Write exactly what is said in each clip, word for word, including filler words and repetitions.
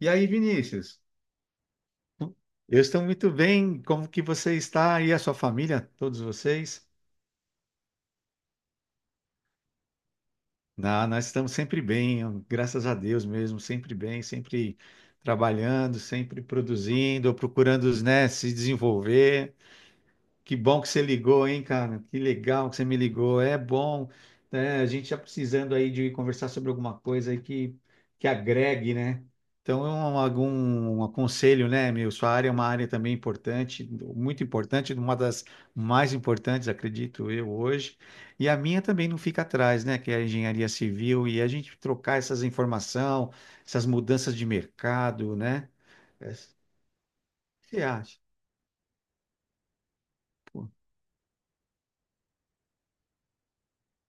E aí, Vinícius? Eu estou muito bem. Como que você está e a sua família, todos vocês? Na- nós estamos sempre bem, graças a Deus mesmo, sempre bem, sempre trabalhando, sempre produzindo, procurando, né, se desenvolver. Que bom que você ligou, hein, cara? Que legal que você me ligou. É bom, né? A gente tá precisando aí de conversar sobre alguma coisa aí que, que agregue, né? Então, é um- algum um aconselho, né, meu? Sua área é uma área também importante, muito importante, uma das mais importantes, acredito eu, hoje. E a minha também não fica atrás, né? Que é a engenharia civil e a gente trocar essas informações, essas mudanças de mercado, né? É, o que você acha? Pô,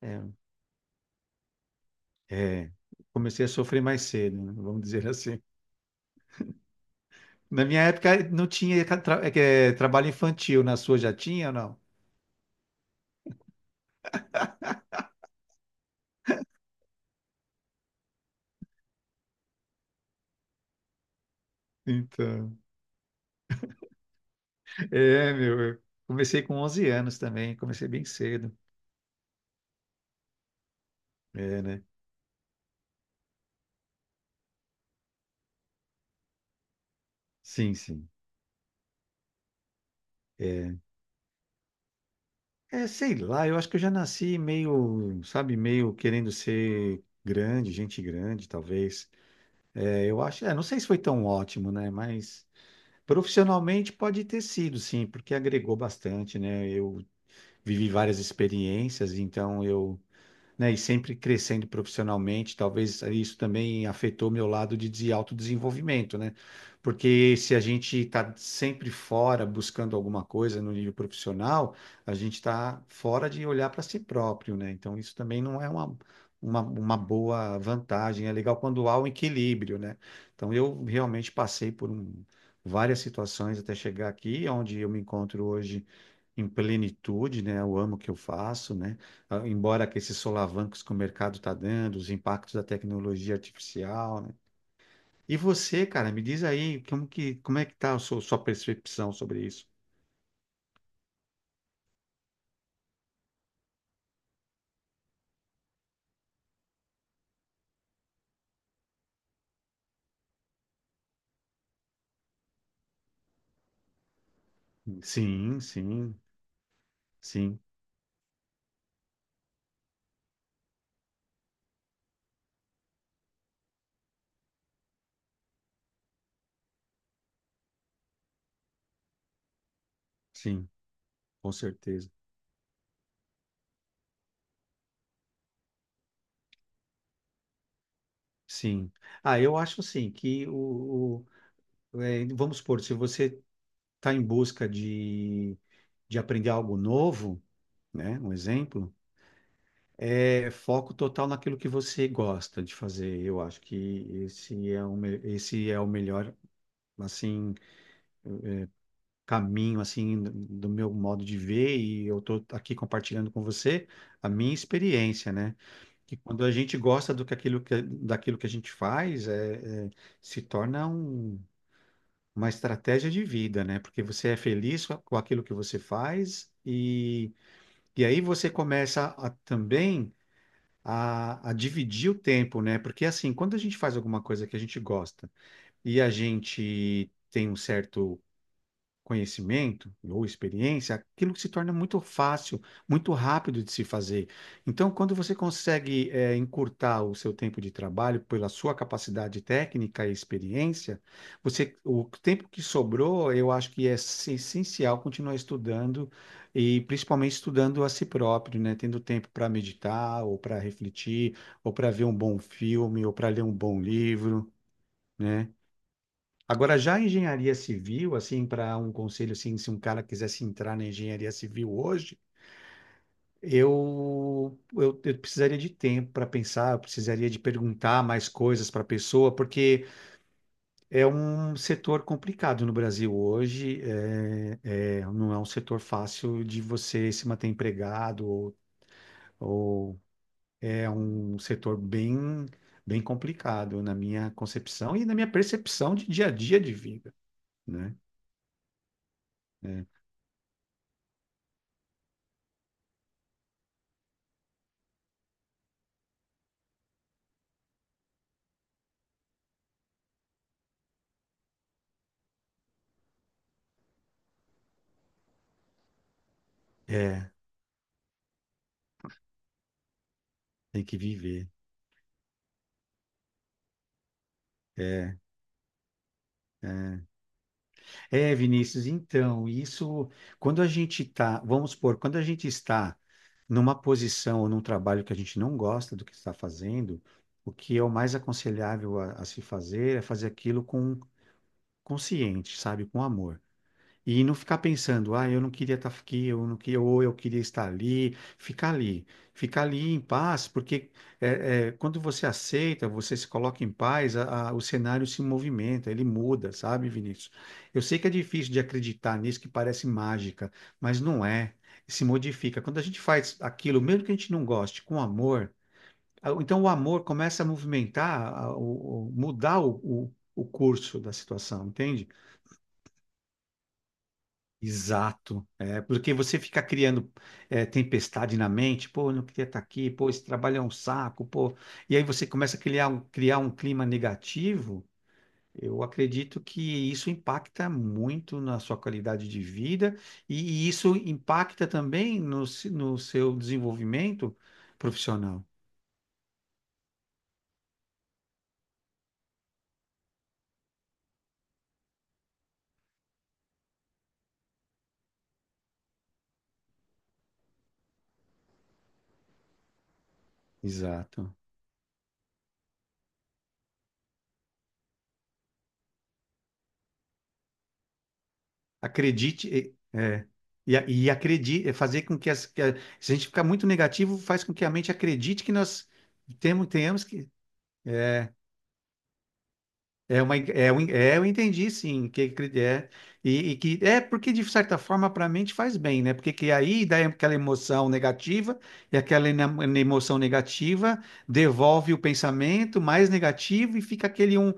é. É, comecei a sofrer mais cedo, né? Vamos dizer assim. Na minha época não tinha tra- é que é trabalho infantil, na sua já tinha ou não? Então, é, meu, eu comecei com onze anos também, comecei bem cedo. É, né? Sim, sim. É, é, sei lá, eu acho que eu já nasci meio, sabe, meio querendo ser grande, gente grande, talvez. É, eu acho, é, não sei se foi tão ótimo, né? Mas profissionalmente pode ter sido, sim, porque agregou bastante, né? Eu vivi várias experiências, então eu, né, e sempre crescendo profissionalmente, talvez isso também afetou meu lado de de autodesenvolvimento, né? Porque se a gente está sempre fora buscando alguma coisa no nível profissional, a gente está fora de olhar para si próprio, né? Então isso também não é uma, uma, uma boa vantagem. É legal quando há um equilíbrio, né? Então eu realmente passei por um- várias situações até chegar aqui, onde eu me encontro hoje em plenitude, né? Eu amo o que eu faço, né? Ah, embora que esses solavancos que o mercado está dando, os impactos da tecnologia artificial, né? E você, cara, me diz aí como que, como é que tá a sua, sua percepção sobre isso? Sim, sim, sim, sim, com certeza. Sim. Ah, eu acho assim que o, o- é, vamos supor, se você está em busca de, de aprender algo novo, né? Um exemplo. É foco total naquilo que você gosta de fazer. Eu acho que esse é o, me- esse é o melhor assim caminho assim do do meu modo de ver e eu estou aqui compartilhando com você a minha experiência, né? Que quando a gente gosta do que aquilo que, daquilo que a gente faz, é, é- se torna um- uma estratégia de vida, né? Porque você é feliz com com aquilo que você faz e, e aí você começa a também a, a dividir o tempo, né? Porque assim, quando a gente faz alguma coisa que a gente gosta e a gente tem um certo conhecimento ou experiência, aquilo que se torna muito fácil, muito rápido de se fazer. Então, quando você consegue eh, encurtar o seu tempo de trabalho pela sua capacidade técnica e experiência, você, o tempo que sobrou, eu acho que é ess- essencial continuar estudando e principalmente estudando a si próprio, né? Tendo tempo para meditar ou para refletir ou para ver um bom filme ou para ler um bom livro, né? Agora, já a engenharia civil, assim, para um conselho, assim, se um cara quisesse entrar na engenharia civil hoje, eu, eu, eu precisaria de tempo para pensar, eu precisaria de perguntar mais coisas para a pessoa, porque é um setor complicado no Brasil hoje, é, é, não é um setor fácil de você se manter empregado, ou, ou é um setor bem, bem complicado na minha concepção e na minha percepção de dia a dia de vida, né? É. É. Tem que viver. É, é. É, Vinícius, então, isso, quando a gente está, vamos supor, quando a gente está numa posição ou num trabalho que a gente não gosta do que está fazendo, o que é o mais aconselhável a, a se fazer é fazer aquilo com consciente, sabe, com amor. E não ficar pensando, ah, eu não queria estar aqui, eu não queria, ou eu queria estar ali, ficar ali, ficar ali em paz, porque é, é, quando você aceita, você se coloca em paz, a- a- o cenário se movimenta, ele muda, sabe, Vinícius? Eu sei que é difícil de acreditar nisso, que parece mágica, mas não é, se modifica. Quando a gente faz aquilo, mesmo que a gente não goste, com amor, a- então o amor começa a movimentar, a- o- o- mudar o, o o curso da situação, entende? Exato, é, porque você fica criando é, tempestade na mente, pô, eu não queria estar aqui, pô, esse trabalho é um saco, pô, e aí você começa a criar um, criar um clima negativo, eu acredito que isso impacta muito na sua qualidade de vida e, e isso impacta também no, se- no seu desenvolvimento profissional. Exato. Acredite, é, é, e, a- e acredite, fazer com que, as, que a- se a gente ficar muito negativo, faz com que a mente acredite que nós temos, tenhamos que. É é uma, é, um- é, Eu entendi, sim, que acre- é, e, e que é porque de certa forma para a mente faz bem, né? Porque que aí dá aquela emoção negativa e aquela ena- emoção negativa devolve o pensamento mais negativo e fica aquele um,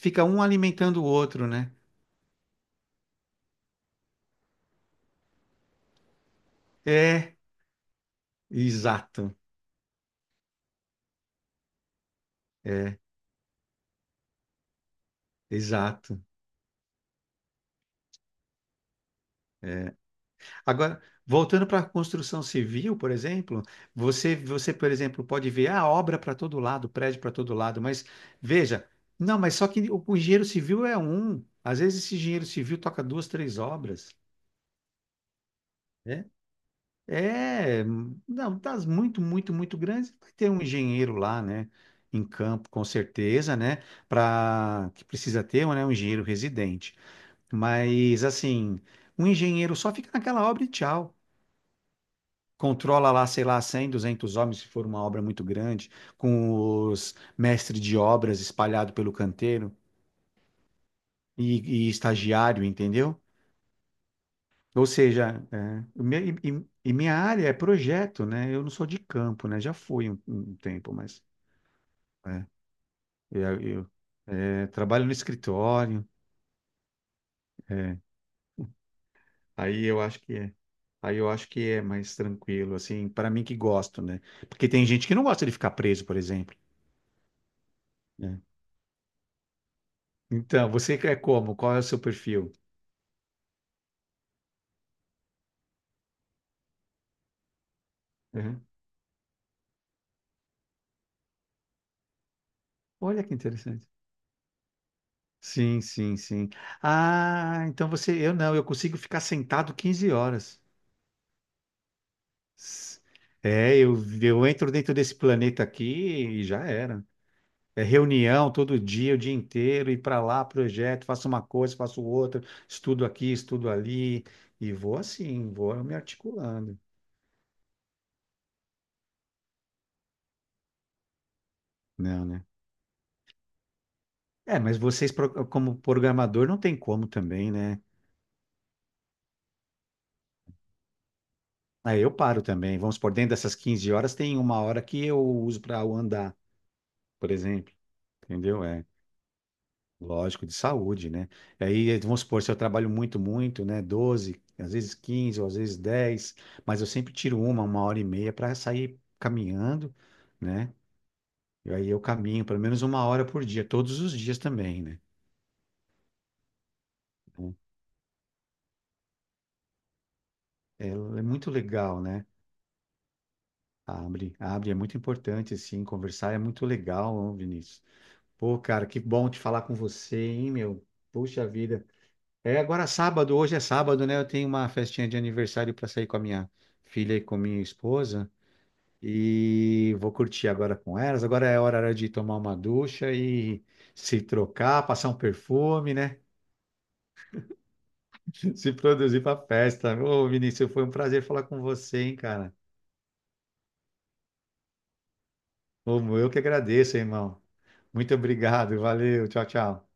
fica um alimentando o outro, né? É, exato, é, exato. É. Agora, voltando para a construção civil, por exemplo, você, você, por exemplo, pode ver a obra para todo lado, prédio para todo lado, mas veja, não, mas só que o, o engenheiro civil é um. Às vezes esse engenheiro civil toca duas, três obras, né? É, não, das muito, muito, muito grandes, vai ter um engenheiro lá, né? Em campo, com certeza, né? Para que precisa ter, né? Um engenheiro residente. Mas assim, um engenheiro só fica naquela obra e tchau. Controla lá, sei lá, cem duzentos homens, se for uma obra muito grande, com os mestres de obras espalhado pelo canteiro e, e estagiário, entendeu? Ou seja, é, o meu- e, e- e minha área é projeto, né? Eu não sou de campo, né? Já fui um, um tempo, mas é, eu, eu, é, trabalho no escritório, é, aí eu acho que é. Aí eu acho que é mais tranquilo, assim, para mim que gosto, né? Porque tem gente que não gosta de ficar preso, por exemplo. Né? Então, você é como? Qual é o seu perfil? Uhum. Olha que interessante. Sim, sim, sim. Ah, então você, eu não, eu consigo ficar sentado quinze horas. S- É, eu, eu entro dentro desse planeta aqui e já era. É reunião todo dia, o dia inteiro, ir para lá, projeto, faço uma coisa, faço outra, estudo aqui, estudo ali, e vou assim, vou me articulando. Não, né? É, mas vocês, pro- como programador, não tem como também, né? Aí eu paro também. Vamos por dentro dessas quinze horas tem uma hora que eu uso para andar, por exemplo. Entendeu? É lógico, de saúde, né? Aí eh, vamos supor, se eu trabalho muito, muito, né? Doze, às vezes quinze, ou às vezes dez, mas eu sempre tiro uma, uma hora e meia para sair caminhando, né? E aí eu caminho pelo menos uma hora por dia, todos os dias também, né? Então, É, é muito legal, né? Abre, abre, é muito importante, assim, conversar é muito legal, Vinícius. Pô, cara, que bom te falar com você, hein, meu? Puxa vida. É agora é sábado, hoje é sábado, né? Eu tenho uma festinha de aniversário para sair com a minha filha e com minha esposa. E vou curtir agora com elas. Agora é hora de tomar uma ducha e se trocar, passar um perfume, né? Se produzir para festa. Ô, Vinícius, foi um prazer falar com você, hein, cara? Ô, eu que agradeço, irmão. Muito obrigado, valeu, tchau, tchau.